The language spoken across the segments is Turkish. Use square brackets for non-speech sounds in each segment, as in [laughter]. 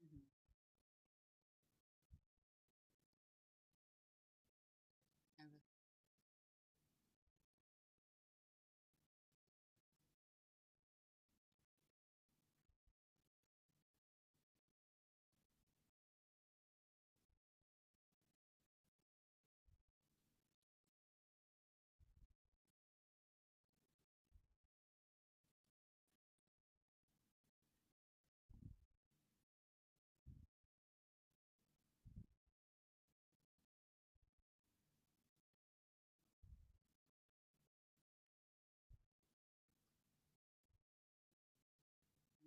Hı hı. Evet.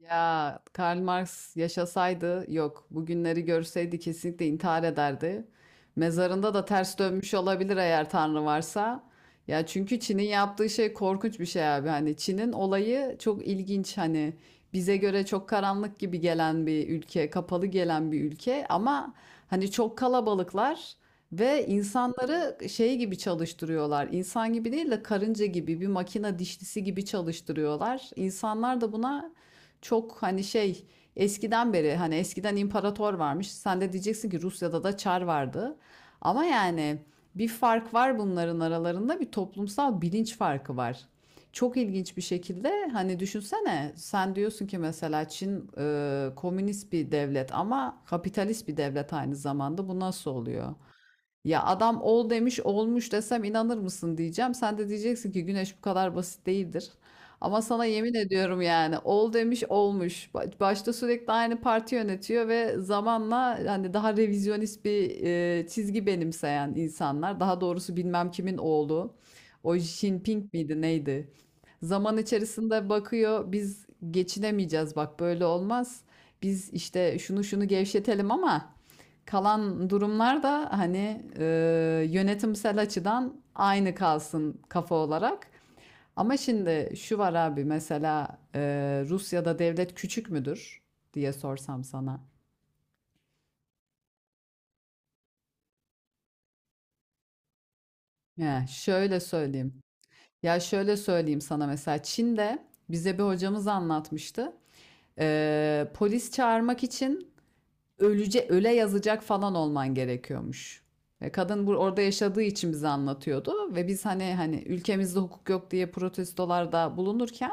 Ya Karl Marx yaşasaydı yok. Bugünleri görseydi kesinlikle intihar ederdi. Mezarında da ters dönmüş olabilir eğer Tanrı varsa. Ya çünkü Çin'in yaptığı şey korkunç bir şey abi. Hani Çin'in olayı çok ilginç. Hani bize göre çok karanlık gibi gelen bir ülke, kapalı gelen bir ülke ama hani çok kalabalıklar ve insanları şey gibi çalıştırıyorlar. İnsan gibi değil de karınca gibi bir makine dişlisi gibi çalıştırıyorlar. İnsanlar da buna çok hani şey eskiden beri hani eskiden imparator varmış. Sen de diyeceksin ki Rusya'da da çar vardı. Ama yani bir fark var bunların aralarında bir toplumsal bilinç farkı var. Çok ilginç bir şekilde hani düşünsene sen diyorsun ki mesela Çin komünist bir devlet ama kapitalist bir devlet aynı zamanda bu nasıl oluyor? Ya adam ol demiş olmuş desem inanır mısın diyeceğim. Sen de diyeceksin ki güneş bu kadar basit değildir. Ama sana yemin ediyorum yani ol demiş olmuş. Başta sürekli aynı parti yönetiyor ve zamanla hani daha revizyonist bir çizgi benimseyen insanlar. Daha doğrusu bilmem kimin oğlu. O Xi Jinping miydi neydi? Zaman içerisinde bakıyor biz geçinemeyeceğiz bak böyle olmaz. Biz işte şunu şunu gevşetelim ama... Kalan durumlar da hani yönetimsel açıdan aynı kalsın kafa olarak. Ama şimdi şu var abi mesela Rusya'da devlet küçük müdür diye sorsam sana. Ya şöyle söyleyeyim. Ya şöyle söyleyeyim sana mesela Çin'de bize bir hocamız anlatmıştı. Polis çağırmak için öle yazacak falan olman gerekiyormuş. Ve kadın orada yaşadığı için bize anlatıyordu ve biz hani ülkemizde hukuk yok diye protestolarda bulunurken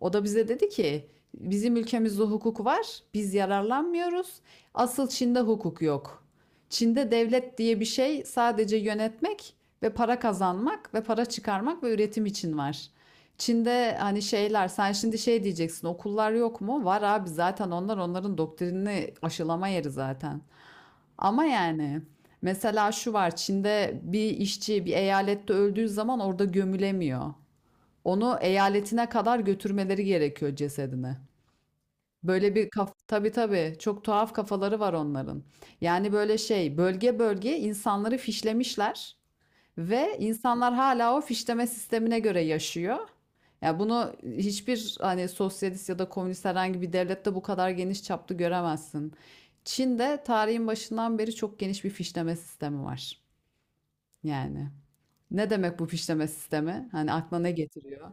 o da bize dedi ki bizim ülkemizde hukuk var, biz yararlanmıyoruz. Asıl Çin'de hukuk yok. Çin'de devlet diye bir şey sadece yönetmek ve para kazanmak ve para çıkarmak ve üretim için var. Çin'de hani şeyler sen şimdi şey diyeceksin okullar yok mu? Var abi zaten onlar onların doktrinini aşılama yeri zaten. Ama yani mesela şu var Çin'de bir işçi bir eyalette öldüğü zaman orada gömülemiyor. Onu eyaletine kadar götürmeleri gerekiyor cesedini. Böyle bir kaf tabii tabii çok tuhaf kafaları var onların. Yani böyle şey bölge bölge insanları fişlemişler. Ve insanlar hala o fişleme sistemine göre yaşıyor. Yani bunu hiçbir hani sosyalist ya da komünist herhangi bir devlette bu kadar geniş çaplı göremezsin. Çin'de tarihin başından beri çok geniş bir fişleme sistemi var. Yani ne demek bu fişleme sistemi? Hani aklına ne getiriyor?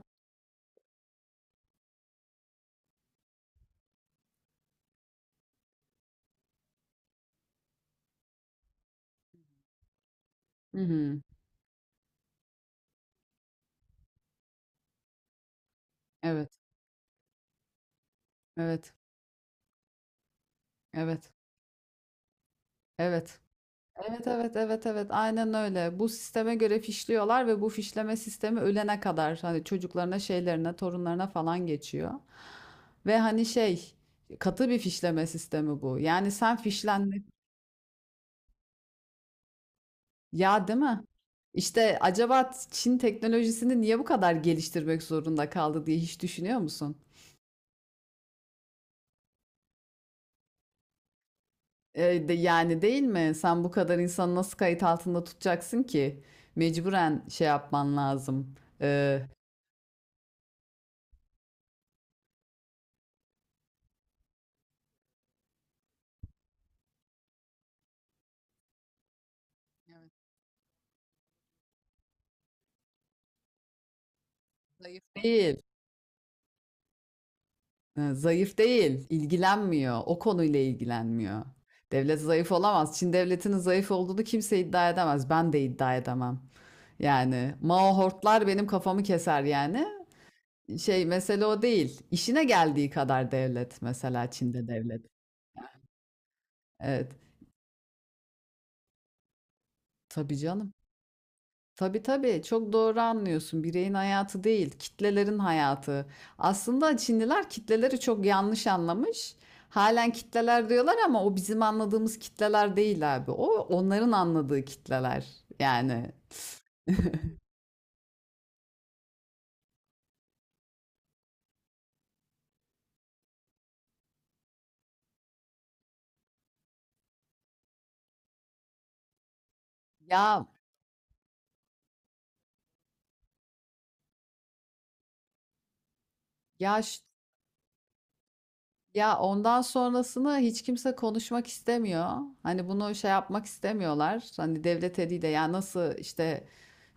Hı hı. Evet, evet, evet, evet. Evet, evet, evet, evet, aynen öyle. Bu sisteme göre fişliyorlar ve bu fişleme sistemi ölene kadar hani çocuklarına, şeylerine, torunlarına falan geçiyor. Ve hani şey katı bir fişleme sistemi bu. Yani sen fişlendin. Ya değil mi? İşte acaba Çin teknolojisini niye bu kadar geliştirmek zorunda kaldı diye hiç düşünüyor musun? Yani değil mi? Sen bu kadar insanı nasıl kayıt altında tutacaksın ki? Mecburen şey yapman lazım. E, Zayıf değil. Ha, zayıf değil, ilgilenmiyor. O konuyla ilgilenmiyor. Devlet zayıf olamaz. Çin devletinin zayıf olduğunu kimse iddia edemez. Ben de iddia edemem. Yani Mao hortlar benim kafamı keser yani. Şey mesele o değil. İşine geldiği kadar devlet mesela Çin'de devlet. Evet. Tabii canım. Tabii tabii çok doğru anlıyorsun. Bireyin hayatı değil, kitlelerin hayatı. Aslında Çinliler kitleleri çok yanlış anlamış. Halen kitleler diyorlar ama o bizim anladığımız kitleler değil abi. O onların anladığı kitleler. Yani ya yaş ya ondan sonrasını hiç kimse konuşmak istemiyor. Hani bunu şey yapmak istemiyorlar. Hani devlet eliyle ya nasıl işte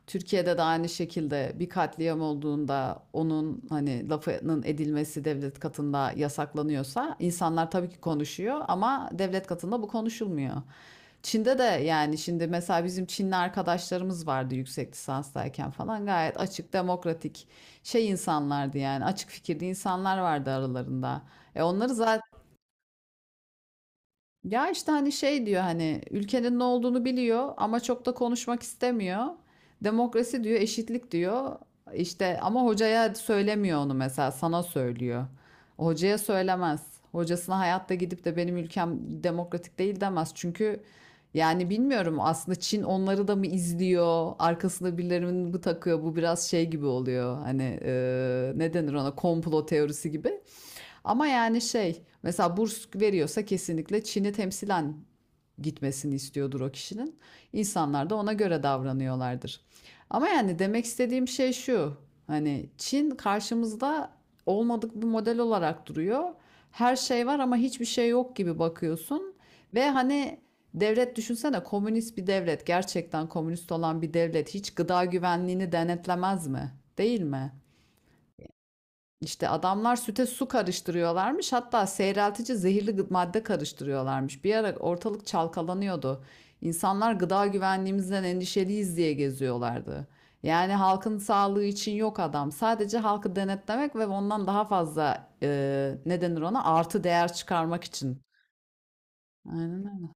Türkiye'de de aynı şekilde bir katliam olduğunda onun hani lafının edilmesi devlet katında yasaklanıyorsa insanlar tabii ki konuşuyor ama devlet katında bu konuşulmuyor. Çin'de de yani şimdi mesela bizim Çinli arkadaşlarımız vardı yüksek lisanstayken falan gayet açık, demokratik şey insanlardı yani açık fikirli insanlar vardı aralarında. E onları zaten ya işte hani şey diyor hani ülkenin ne olduğunu biliyor ama çok da konuşmak istemiyor. Demokrasi diyor, eşitlik diyor. İşte ama hocaya söylemiyor onu mesela sana söylüyor. O hocaya söylemez. Hocasına hayatta gidip de benim ülkem demokratik değil demez. Çünkü yani bilmiyorum aslında Çin onları da mı izliyor? Arkasında birilerinin bu takıyor. Bu biraz şey gibi oluyor. Hani ne denir ona komplo teorisi gibi. Ama yani şey mesela burs veriyorsa kesinlikle Çin'i temsilen gitmesini istiyordur o kişinin. İnsanlar da ona göre davranıyorlardır. Ama yani demek istediğim şey şu. Hani Çin karşımızda olmadık bir model olarak duruyor. Her şey var ama hiçbir şey yok gibi bakıyorsun. Ve hani devlet düşünsene komünist bir devlet, gerçekten komünist olan bir devlet hiç gıda güvenliğini denetlemez mi? Değil mi? İşte adamlar süte su karıştırıyorlarmış. Hatta seyreltici zehirli madde karıştırıyorlarmış. Bir ara ortalık çalkalanıyordu. İnsanlar gıda güvenliğimizden endişeliyiz diye geziyorlardı. Yani halkın sağlığı için yok adam. Sadece halkı denetlemek ve ondan daha fazla ne denir ona artı değer çıkarmak için. Aynen öyle.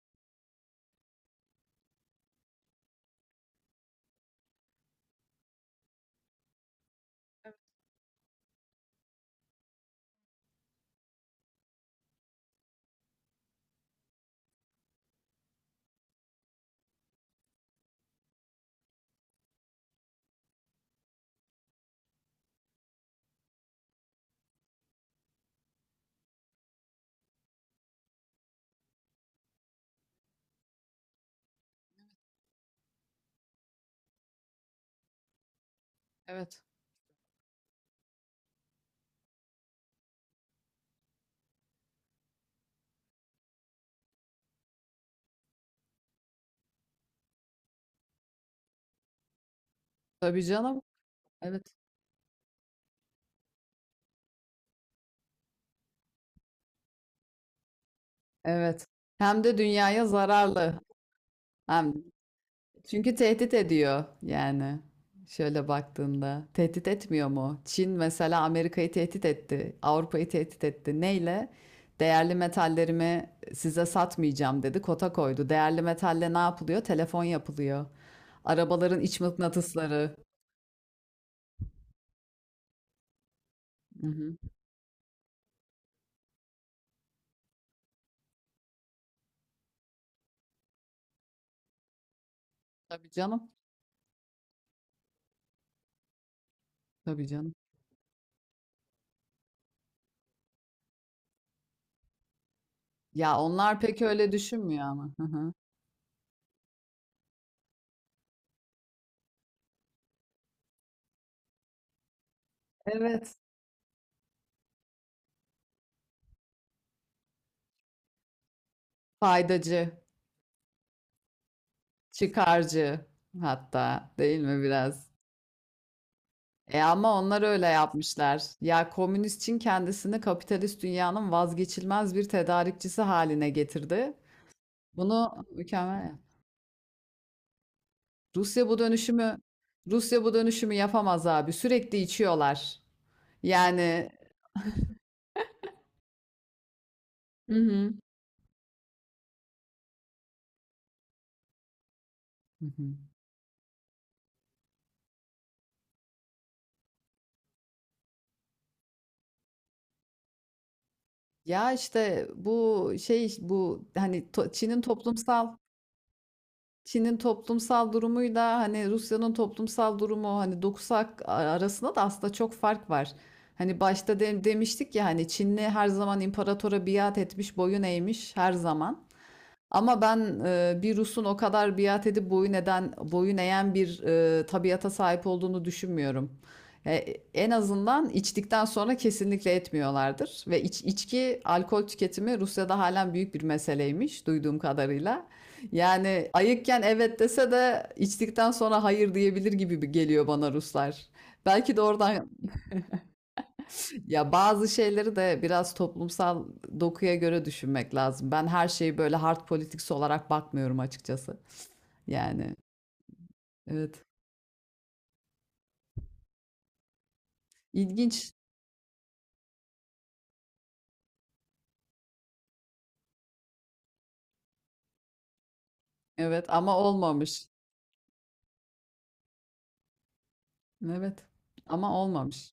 Evet. Tabii canım. Evet. Evet. Hem de dünyaya zararlı. Hem çünkü tehdit ediyor yani. Şöyle baktığında tehdit etmiyor mu? Çin mesela Amerika'yı tehdit etti, Avrupa'yı tehdit etti. Neyle? Değerli metallerimi size satmayacağım dedi, kota koydu. Değerli metalle ne yapılıyor? Telefon yapılıyor. Arabaların iç mıknatısları. Hı hı. Tabii canım, tabii canım. Ya onlar pek öyle düşünmüyor ama. Hı hı. Evet. Faydacı, çıkarcı hatta değil mi biraz? E ama onlar öyle yapmışlar. Ya komünist Çin kendisini kapitalist dünyanın vazgeçilmez bir tedarikçisi haline getirdi. Bunu mükemmel. Rusya bu dönüşümü Rusya bu dönüşümü yapamaz abi. Sürekli içiyorlar. Yani Hı hı. Hı hı. Ya işte bu hani Çin'in toplumsal durumuyla hani Rusya'nın toplumsal durumu hani dokusu arasında da aslında çok fark var. Hani başta demiştik ya hani Çinli her zaman imparatora biat etmiş, boyun eğmiş her zaman. Ama ben bir Rus'un o kadar biat edip boyun eden, boyun eğen bir tabiata sahip olduğunu düşünmüyorum. E, En azından içtikten sonra kesinlikle etmiyorlardır. Ve içki, alkol tüketimi Rusya'da halen büyük bir meseleymiş duyduğum kadarıyla. Yani ayıkken evet dese de içtikten sonra hayır diyebilir gibi geliyor bana Ruslar. Belki de oradan ya bazı şeyleri de biraz toplumsal dokuya göre düşünmek lazım. Ben her şeyi böyle hard politics olarak bakmıyorum açıkçası. Yani evet. İlginç. Evet ama olmamış. Evet. Ama olmamış.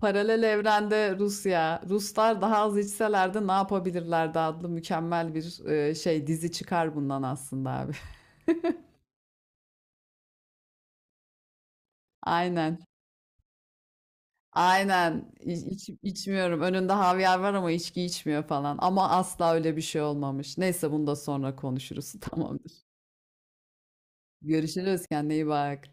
Paralel evrende Rusya, Ruslar daha az içselerdi ne yapabilirlerdi adlı mükemmel bir şey dizi çıkar bundan aslında abi. [laughs] Aynen. Aynen. İçmiyorum. Önünde havyar var ama içki içmiyor falan. Ama asla öyle bir şey olmamış. Neyse bunu da sonra konuşuruz. [laughs] Tamamdır. Görüşürüz. Kendine iyi bak.